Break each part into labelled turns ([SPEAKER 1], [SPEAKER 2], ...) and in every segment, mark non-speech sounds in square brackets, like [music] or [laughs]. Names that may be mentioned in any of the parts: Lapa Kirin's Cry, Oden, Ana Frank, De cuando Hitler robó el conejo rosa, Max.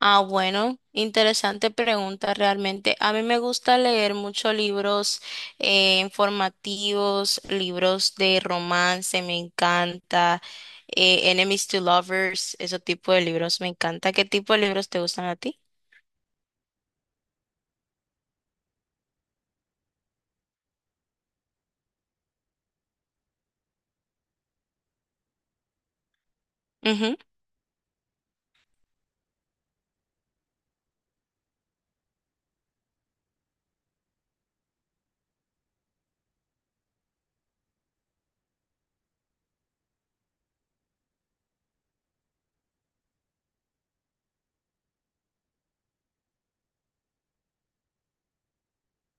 [SPEAKER 1] Ah, bueno, interesante pregunta realmente. A mí me gusta leer muchos libros informativos, libros de romance, me encanta, Enemies to Lovers, ese tipo de libros me encanta. ¿Qué tipo de libros te gustan a ti? Ujú,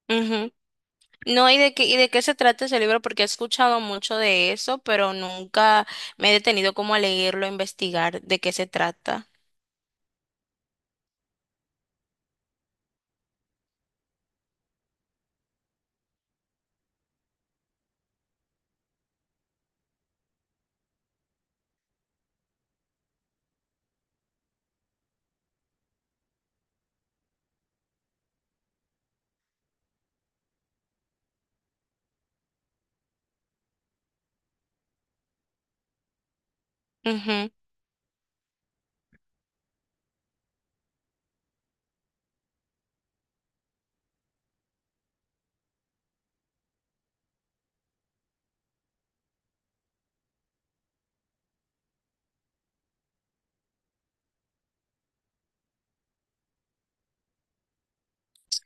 [SPEAKER 1] ujú. No, ¿y de qué se trata ese libro? Porque he escuchado mucho de eso, pero nunca me he detenido como a leerlo, a investigar de qué se trata.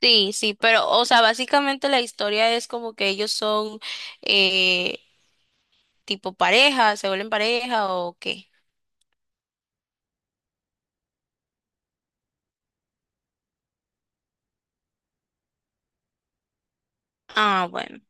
[SPEAKER 1] Sí, sí, pero, o sea, básicamente la historia es como que ellos son eh, tipo pareja, se vuelven pareja o qué. Ah, bueno.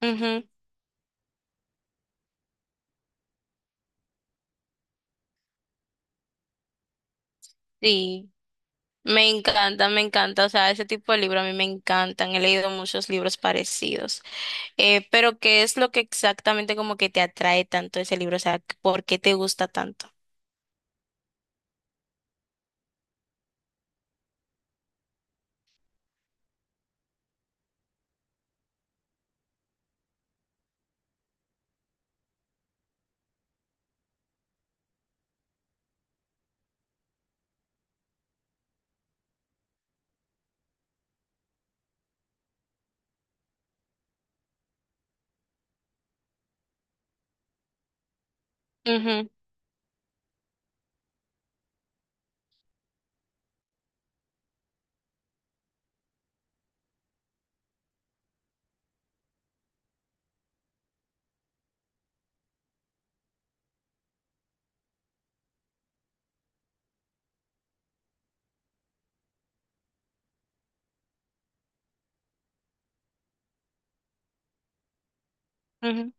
[SPEAKER 1] Ujú. Sí, me encanta, o sea, ese tipo de libros a mí me encantan, he leído muchos libros parecidos, pero ¿qué es lo que exactamente como que te atrae tanto ese libro? O sea, ¿por qué te gusta tanto? Ujú, ujú.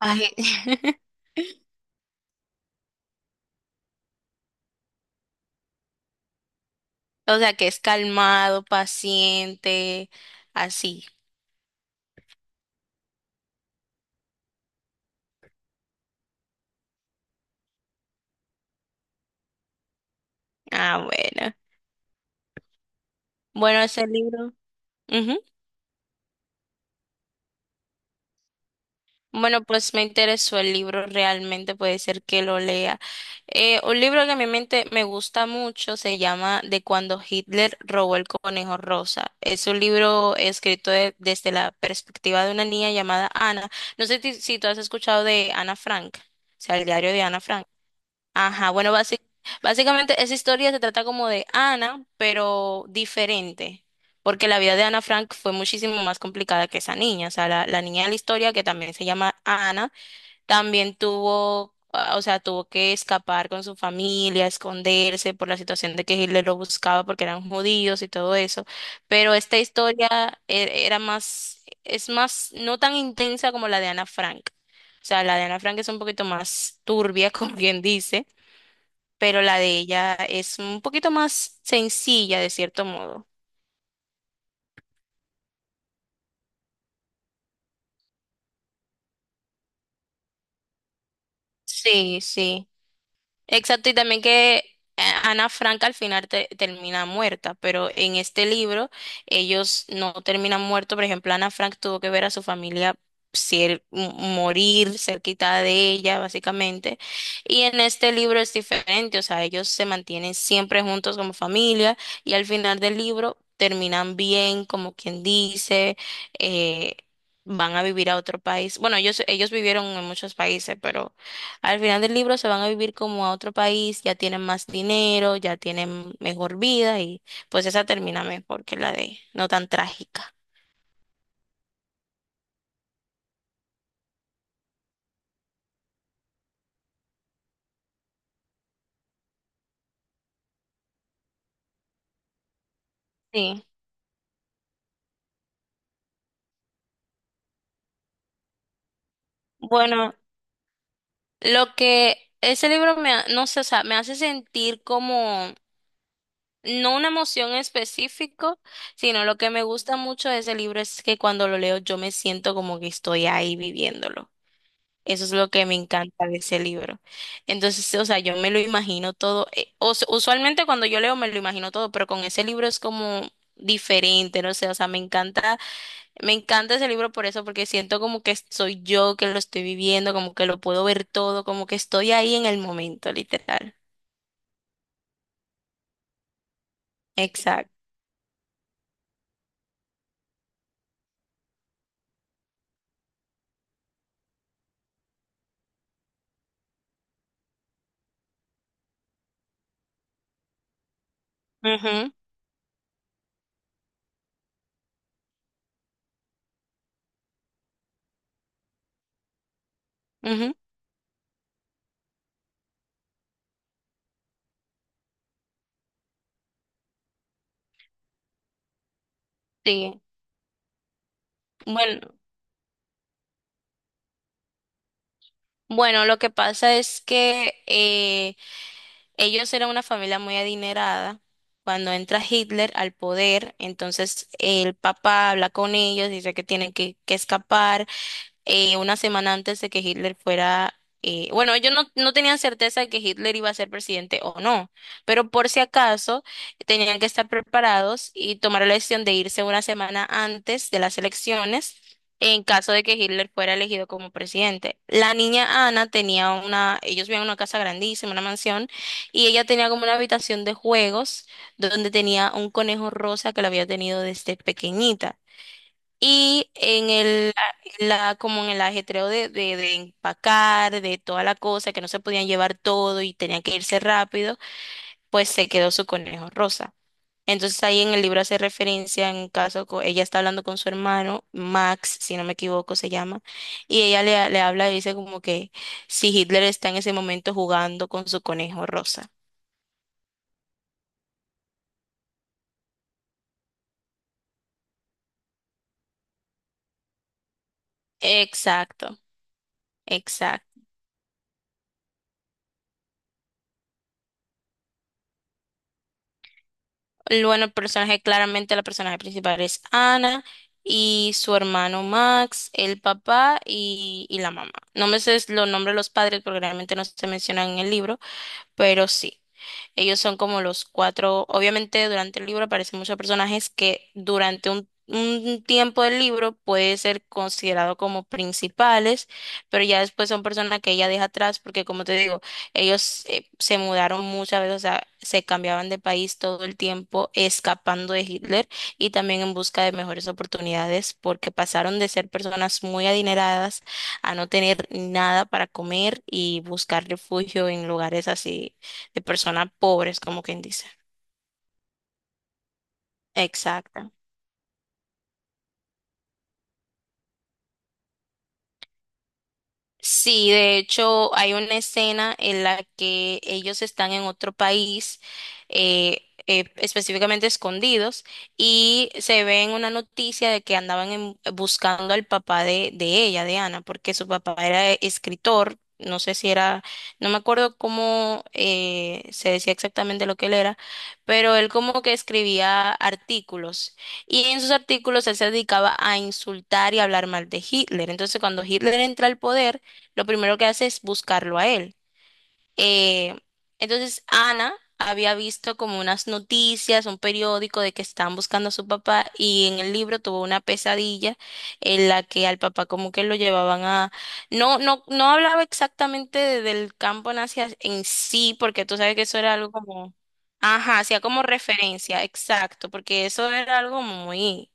[SPEAKER 1] Ay, [laughs] o sea, que es calmado, paciente, así. Ah, bueno. Bueno, ese libro. Ujú. Bueno, pues me interesó el libro, realmente puede ser que lo lea. Un libro que a mi mente me gusta mucho se llama De cuando Hitler robó el conejo rosa. Es un libro escrito desde la perspectiva de una niña llamada Ana. No sé si tú has escuchado de Ana Frank, o sea, el diario de Ana Frank. Ajá, bueno, básicamente esa historia se trata como de Ana, pero diferente, porque la vida de Ana Frank fue muchísimo más complicada que esa niña, o sea, la niña de la historia, que también se llama Ana, también tuvo, ah, o sea, tuvo que escapar con su familia, esconderse por la situación de que Hitler lo buscaba porque eran judíos y todo eso, pero esta historia era más, es más, no tan intensa como la de Ana Frank. O sea, la de Ana Frank es un poquito más turbia, [laughs] como quien dice, pero la de ella es un poquito más sencilla de cierto modo. Sí, sí. Exacto, y también que Ana Frank al final termina muerta, pero en este libro ellos no terminan muertos. Por ejemplo, Ana Frank tuvo que ver a su familia morir cerquita de ella, básicamente. Y en este libro es diferente, o sea, ellos se mantienen siempre juntos como familia y al final del libro terminan bien, como quien dice, eh, van a vivir a otro país. Bueno, ellos vivieron en muchos países, pero al final del libro se van a vivir como a otro país, ya tienen más dinero, ya tienen mejor vida y pues esa termina mejor que la de no tan trágica. Sí. Bueno, lo que ese libro me, ha- no sé, o sea, me hace sentir como no una emoción en específico, sino lo que me gusta mucho de ese libro es que cuando lo leo yo me siento como que estoy ahí viviéndolo. Eso es lo que me encanta de ese libro. Entonces, o sea, yo me lo imagino todo. Usualmente cuando yo leo me lo imagino todo, pero con ese libro es como diferente, no sé, o sea, me encanta ese libro por eso, porque siento como que soy yo que lo estoy viviendo, como que lo puedo ver todo, como que estoy ahí en el momento, literal. Exacto. Ujú, ujú, sí. Bueno, bueno, lo que pasa es que ellos eran una familia muy adinerada. Cuando entra Hitler al poder, entonces el papá habla con ellos, dice que tienen que escapar una semana antes de que Hitler fuera, bueno, ellos no tenían certeza de que Hitler iba a ser presidente o no, pero por si acaso tenían que estar preparados y tomar la decisión de irse una semana antes de las elecciones en caso de que Hitler fuera elegido como presidente. La niña Ana tenía una, ellos vivían en una casa grandísima, una mansión, y ella tenía como una habitación de juegos donde tenía un conejo rosa que la había tenido desde pequeñita. Y en como en el ajetreo de empacar, de toda la cosa, que no se podían llevar todo y tenían que irse rápido, pues se quedó su conejo rosa. Entonces ahí en el libro hace referencia, en un caso, ella está hablando con su hermano, Max, si no me equivoco se llama, y ella le habla y dice como que si Hitler está en ese momento jugando con su conejo rosa. Exacto, exacto. Bueno, el personaje, claramente la personaje principal es Ana y su hermano Max, el papá y la mamá. No me sé los nombres de los padres porque realmente no se mencionan en el libro, pero sí. Ellos son como los cuatro, obviamente durante el libro aparecen muchos personajes que durante un tiempo del libro puede ser considerado como principales, pero ya después son personas que ella deja atrás porque como te digo, ellos se mudaron muchas veces, o sea, se cambiaban de país todo el tiempo escapando de Hitler y también en busca de mejores oportunidades porque pasaron de ser personas muy adineradas a no tener nada para comer y buscar refugio en lugares así de personas pobres, como quien dice. Exacto. Sí, de hecho hay una escena en la que ellos están en otro país, específicamente escondidos, y se ve en una noticia de que andaban buscando al papá de ella, de Ana, porque su papá era escritor, no sé si era, no me acuerdo cómo se decía exactamente lo que él era, pero él como que escribía artículos. Y en sus artículos él se dedicaba a insultar y hablar mal de Hitler. Entonces, cuando Hitler entra al poder, lo primero que hace es buscarlo a él. Eh, entonces Ana había visto como unas noticias, un periódico de que estaban buscando a su papá y en el libro tuvo una pesadilla en la que al papá como que lo llevaban a... No hablaba exactamente del campo nazi en sí, porque tú sabes que eso era algo como... Ajá, hacía como referencia, exacto, porque eso era algo muy...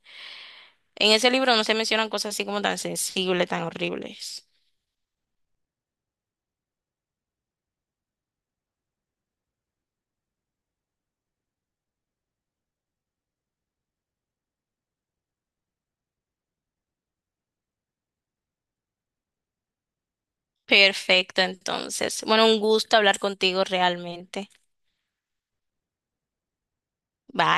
[SPEAKER 1] En ese libro no se mencionan cosas así como tan sensibles, tan horribles. Perfecto, entonces. Bueno, un gusto hablar contigo realmente. Bye.